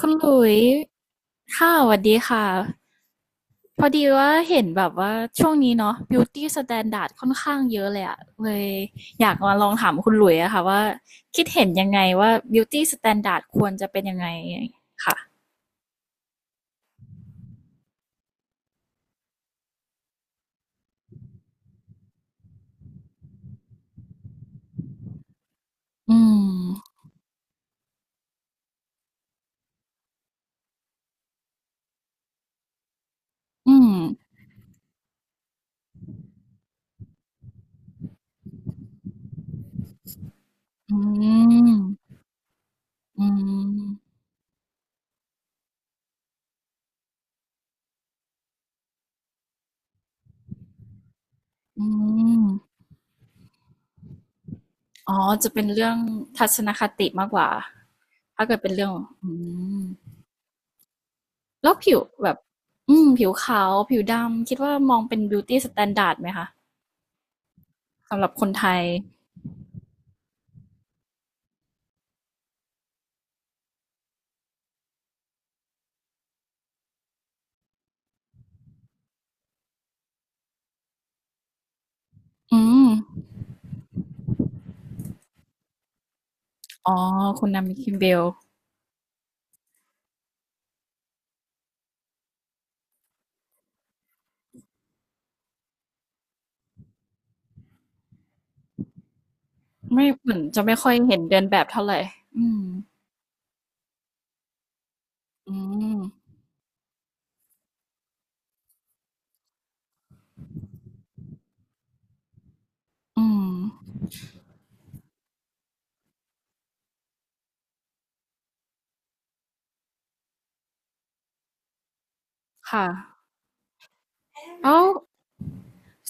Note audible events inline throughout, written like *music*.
คุณหลุยส์ค่ะสวัสดีค่ะพอดีว่าเห็นแบบว่าช่วงนี้เนาะ beauty standard ค่อนข้างเยอะเลยอะเลยอยากมาลองถามคุณหลุยส์อะค่ะว่าคิดเห็นยังไงว่า beauty standard ควรจะเป็นยังไงค่ะอืมอืมอืมอืมอืมอ๋อจะเป็นเรื่องทัศนคติมากกว่าถ้าเกิดเป็นเรื่องอืม แล้วผิวแบบอืมผิวขาวผิวดำคิดว่ามองเป็นบิวตี้สแตนดาร์ดไหมคะสำหรับคนไทยอืมอ๋อคุณนามิคิมเบลไม่เหมือนจะไม่ค่อยเห็นเดินแบบเท่าไหร่อืมอืมอืมค่ะแล้ว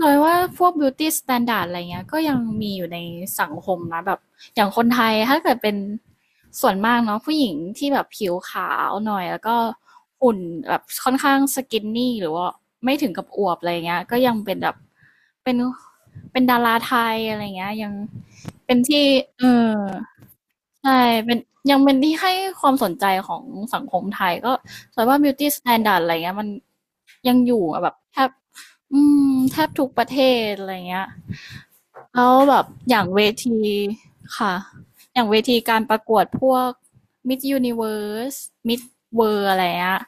สอยว่าพวก beauty standard อะไรเงี้ยก็ยังมีอยู่ในสังคมนะแบบอย่างคนไทยถ้าเกิดเป็นส่วนมากเนาะผู้หญิงที่แบบผิวขาวหน่อยแล้วก็หุ่นแบบค่อนข้างสกินนี่หรือว่าไม่ถึงกับอวบอะไรเงี้ยก็ยังเป็นแบบเป็นเป็นดาราไทยอะไรเงี้ยยังเป็นที่เออใช่เป็นยังเป็นที่ให้ความสนใจของสังคมไทยก็แตยว่า beauty standard อะไรเงี้ยมันยังอยู่อะแบบแทบ อืมแทบทุกประเทศอะไรเงี้ยแล้วแบบอย่างเวทีค่ะอย่างเวทีการประกวดพวก Miss Universe Miss World อะไรเงี้ย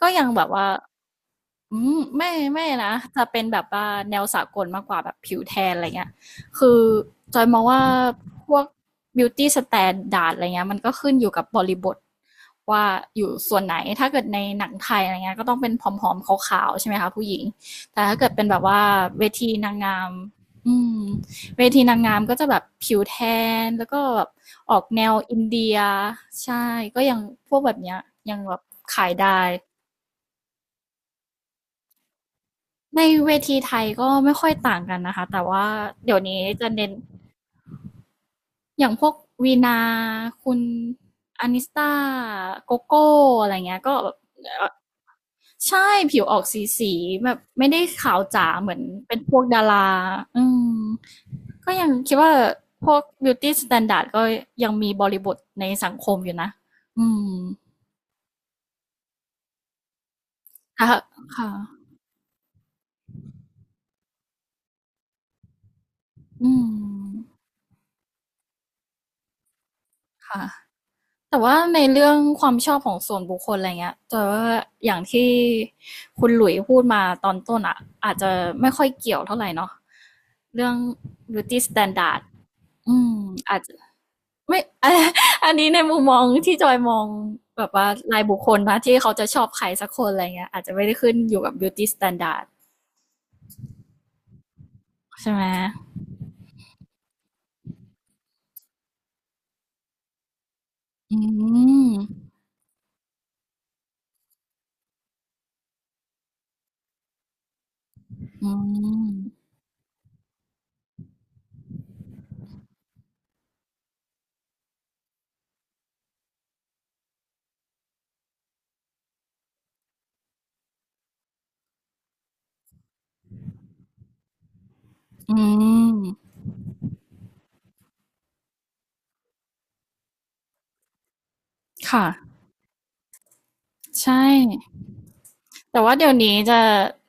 ก็ยังแบบว่าอืมไม่ไม่นะจะเป็นแบบว่าแนวสากลมากกว่าแบบผิวแทนอะไรเงี้ยคือจอยมองว่าพวก beauty standard อะไรเงี้ยมันก็ขึ้นอยู่กับบริบทว่าอยู่ส่วนไหนถ้าเกิดในหนังไทยอะไรเงี้ยก็ต้องเป็นผอมๆขาวๆใช่ไหมคะผู้หญิง แต่ถ้าเกิดเป็นแบบว่าเวทีนางงามอืมเวทีนางงามก็จะแบบผิวแทนแล้วก็แบบออกแนวอินเดียใช่ก็ยังพวกแบบเนี้ยยังแบบขายได้ในเวทีไทยก็ไม่ค่อยต่างกันนะคะแต่ว่าเดี๋ยวนี้จะเน้นอย่างพวกวีนาคุณอานิสตาโกโก้อะไรเงี้ยก็แบบ ใช่ผิวออกสีๆแบบไม่ได้ขาวจ๋าเหมือนเป็นพวกดาราอืมก็ยังคิดว่าพวก beauty standard ก็ยังมีบริบทในสังคมอยู่นะอืมค่ะค่ะอืมค่ะแต่ว่าในเรื่องความชอบของส่วนบุคคลอะไรเงี้ยแต่ว่าอย่างที่คุณหลุยพูดมาตอนต้นอ่ะอาจจะไม่ค่อยเกี่ยวเท่าไหร่เนาะเรื่อง beauty standard อืมอาจจะ ไม่ *laughs* อาอันนี้ในมุมมองที่จอยมองแบบว่ารายบุคคลนะที่เขาจะชอบใครสักคนอะไรเงี้ยอาจจะไม่ได้ขึ้นอยู่กับ Beauty Standard ใช่ไหม อืม อืม อืม ค่ะ ใช่ แต่ว่าเดี๋ยวนี้จะ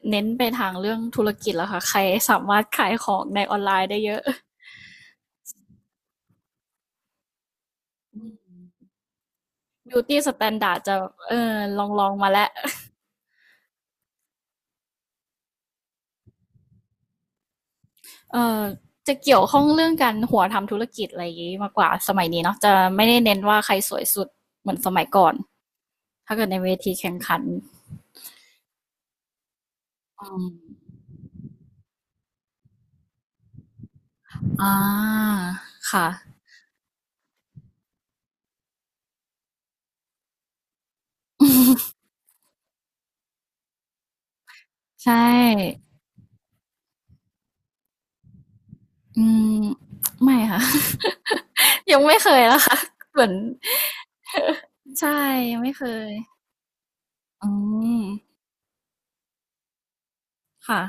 เน้นไปทางเรื่องธุรกิจแล้วค่ะใครสามารถขายของในออนไลน์ได้เยอะอืม Beauty Standard จะเออลองๆมาแล้ว เอ่อจะเกี่ยวข้องเรื่องการหัวทำธุรกิจอะไรอย่างนี้มากกว่าสมัยนี้เนาะจะไม่ได้เน้นว่าใครสวยสุดเหมือนสมัยก่อนถ้าเกิดในเวทีแข่งขันอืมอ่าค่ะ *laughs* ใช่อืมไม่ค่ะ *laughs* ยังไม่เคยนะคะเหมือนใช่ยังไม่เคยอืมค่ะ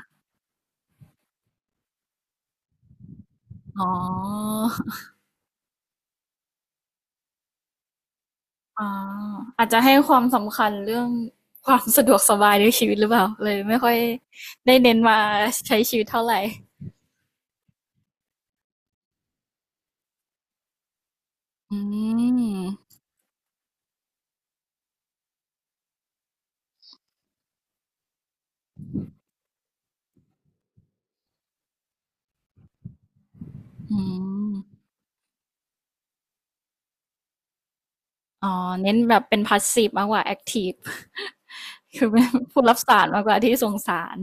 อ๋อ อ๋ออาจจะให้ความสำคัญเรื่องความสะดวกสบายในชีวิตหรือเปล่าเลยไม่ค่อยได้เน้นมาใช้ชีวิตเท่าไรอืมอืมอ๋อเน้นแบบเป็น passive มากกว่า *laughs* active คือเป็นผู้รับสารมากกว่าที่ส่งสาร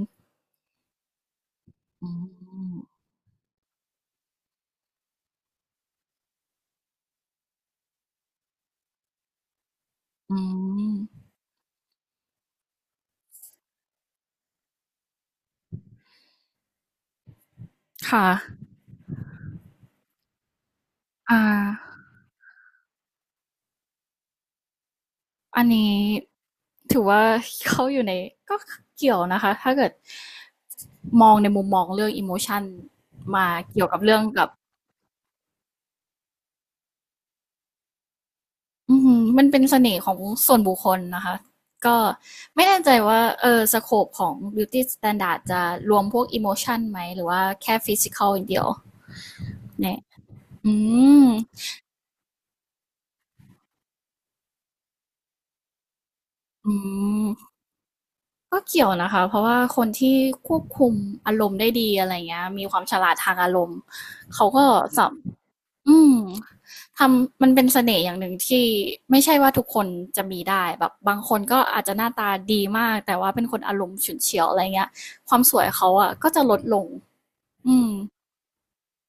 อืมอืมค่ะอ่าอันนี้ถือว่าเข้าอยู่ในก็เกี่ยวนะคะถ้าเกิดมองในมุมมองเรื่อง emotion มาเกี่ยวกับเรื่องกับ อือหือมันเป็นเสน่ห์ของส่วนบุคคลนะคะก็ไม่แน่ใจว่าเออสโคปของ beauty standard จะรวมพวก emotion ไหมหรือว่าแค่ physical อย่างเดียวเนี่ยอืมอืมก็เกี่ยวนะคะเพราะว่าคนที่ควบคุมอารมณ์ได้ดีอะไรเงี้ยมีความฉลาดทางอารมณ์เขาก็สา อืมทำมันเป็นเสน่ห์อย่างหนึ่งที่ไม่ใช่ว่าทุกคนจะมีได้แบบบางคนก็อาจจะหน้าตาดีมากแต่ว่าเป็นคนอารมณ์ฉุนเฉียวอะไรเงี้ยความสวยเขาอะก็จะลดลงอืม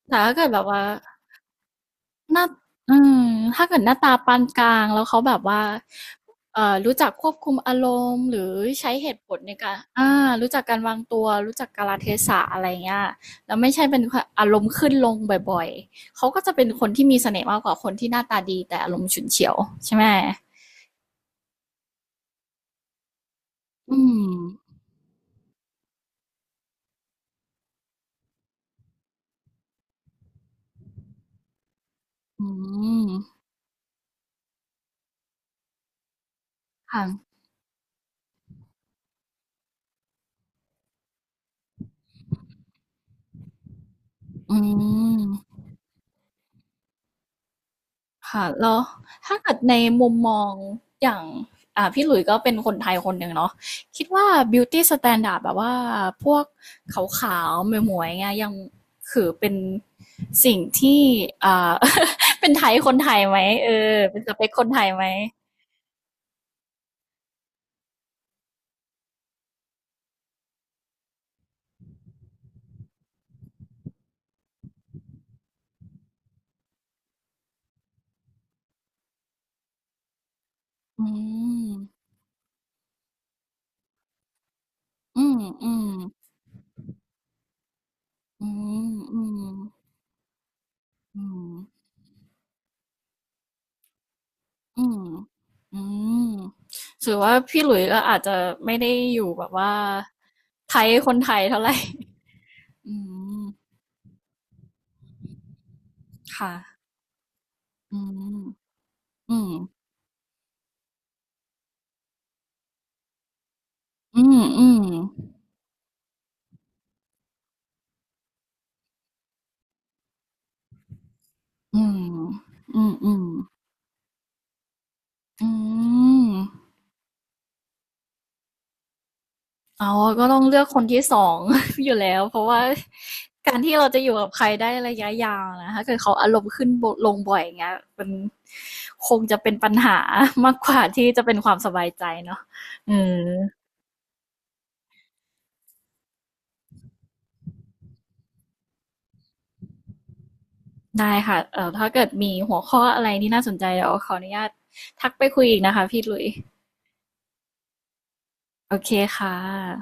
แต่ถ้าเกิดแบบว่า หน้าอืมถ้าเกิดหน้าตาปานกลางแล้วเขาแบบว่ารู้จักควบคุมอารมณ์หรือใช้เหตุผลในการอารู้จักการวางตัวรู้จักกาลเทศะอะไร่เงี้ยแล้วไม่ใช่เป็นคอารมณ์ขึ้นลงบ่อยๆเขาก็จะเป็นคนที่มีเสน่ห์มากกว่าคนที่หน้าตาดีแต่อารมณ์ฉุนเฉียวใช่ไหมอืมอืมค่ะอืม ค่ะแล้วถ้าเกิดในมุมมองอย่างอ่าพี่หลุยส์ก็เป็นคนไทยคนหนึ่งเนาะคิดว่า beauty standard แบบว่าพวกขาวๆหมวยๆเงี้ยยังคือเป็นสิ่งที่อ่า *laughs* เป็นไทยคนไทยไหมเออเป็นสเปคคนไทยไหมอืมอืมอืมอืมอืมอืมอืมอืมถือว่าพี่หลุยส์ก็อาจจะไม่ได้อยู่แบบว่าไทยคนไทยเท่าไหร่ อืมค่ะอืมอืมอืมอืมอืมอืมอืมอืมอ๋อก็ต้องเลือกคนที่2อง *laughs* อยู่แล้ว เพราะว่าการที่เราจะอยู่กับใครได้ระยะยาวนะถ้าเกิดเขาอารมณ์ขึ้นบลงบ่อยอย่างเงี้ยมันคงจะเป็นปัญหามากกว่าที่จะเป็นความสบายใจเนาะเออได้ค่ะถ้าเกิดมีหัวข้ออะไรที่น่าสนใจเดี๋ยวขออนุญาตทักไปคุยอีกนะคะพี่หลุยโอเคค่ะ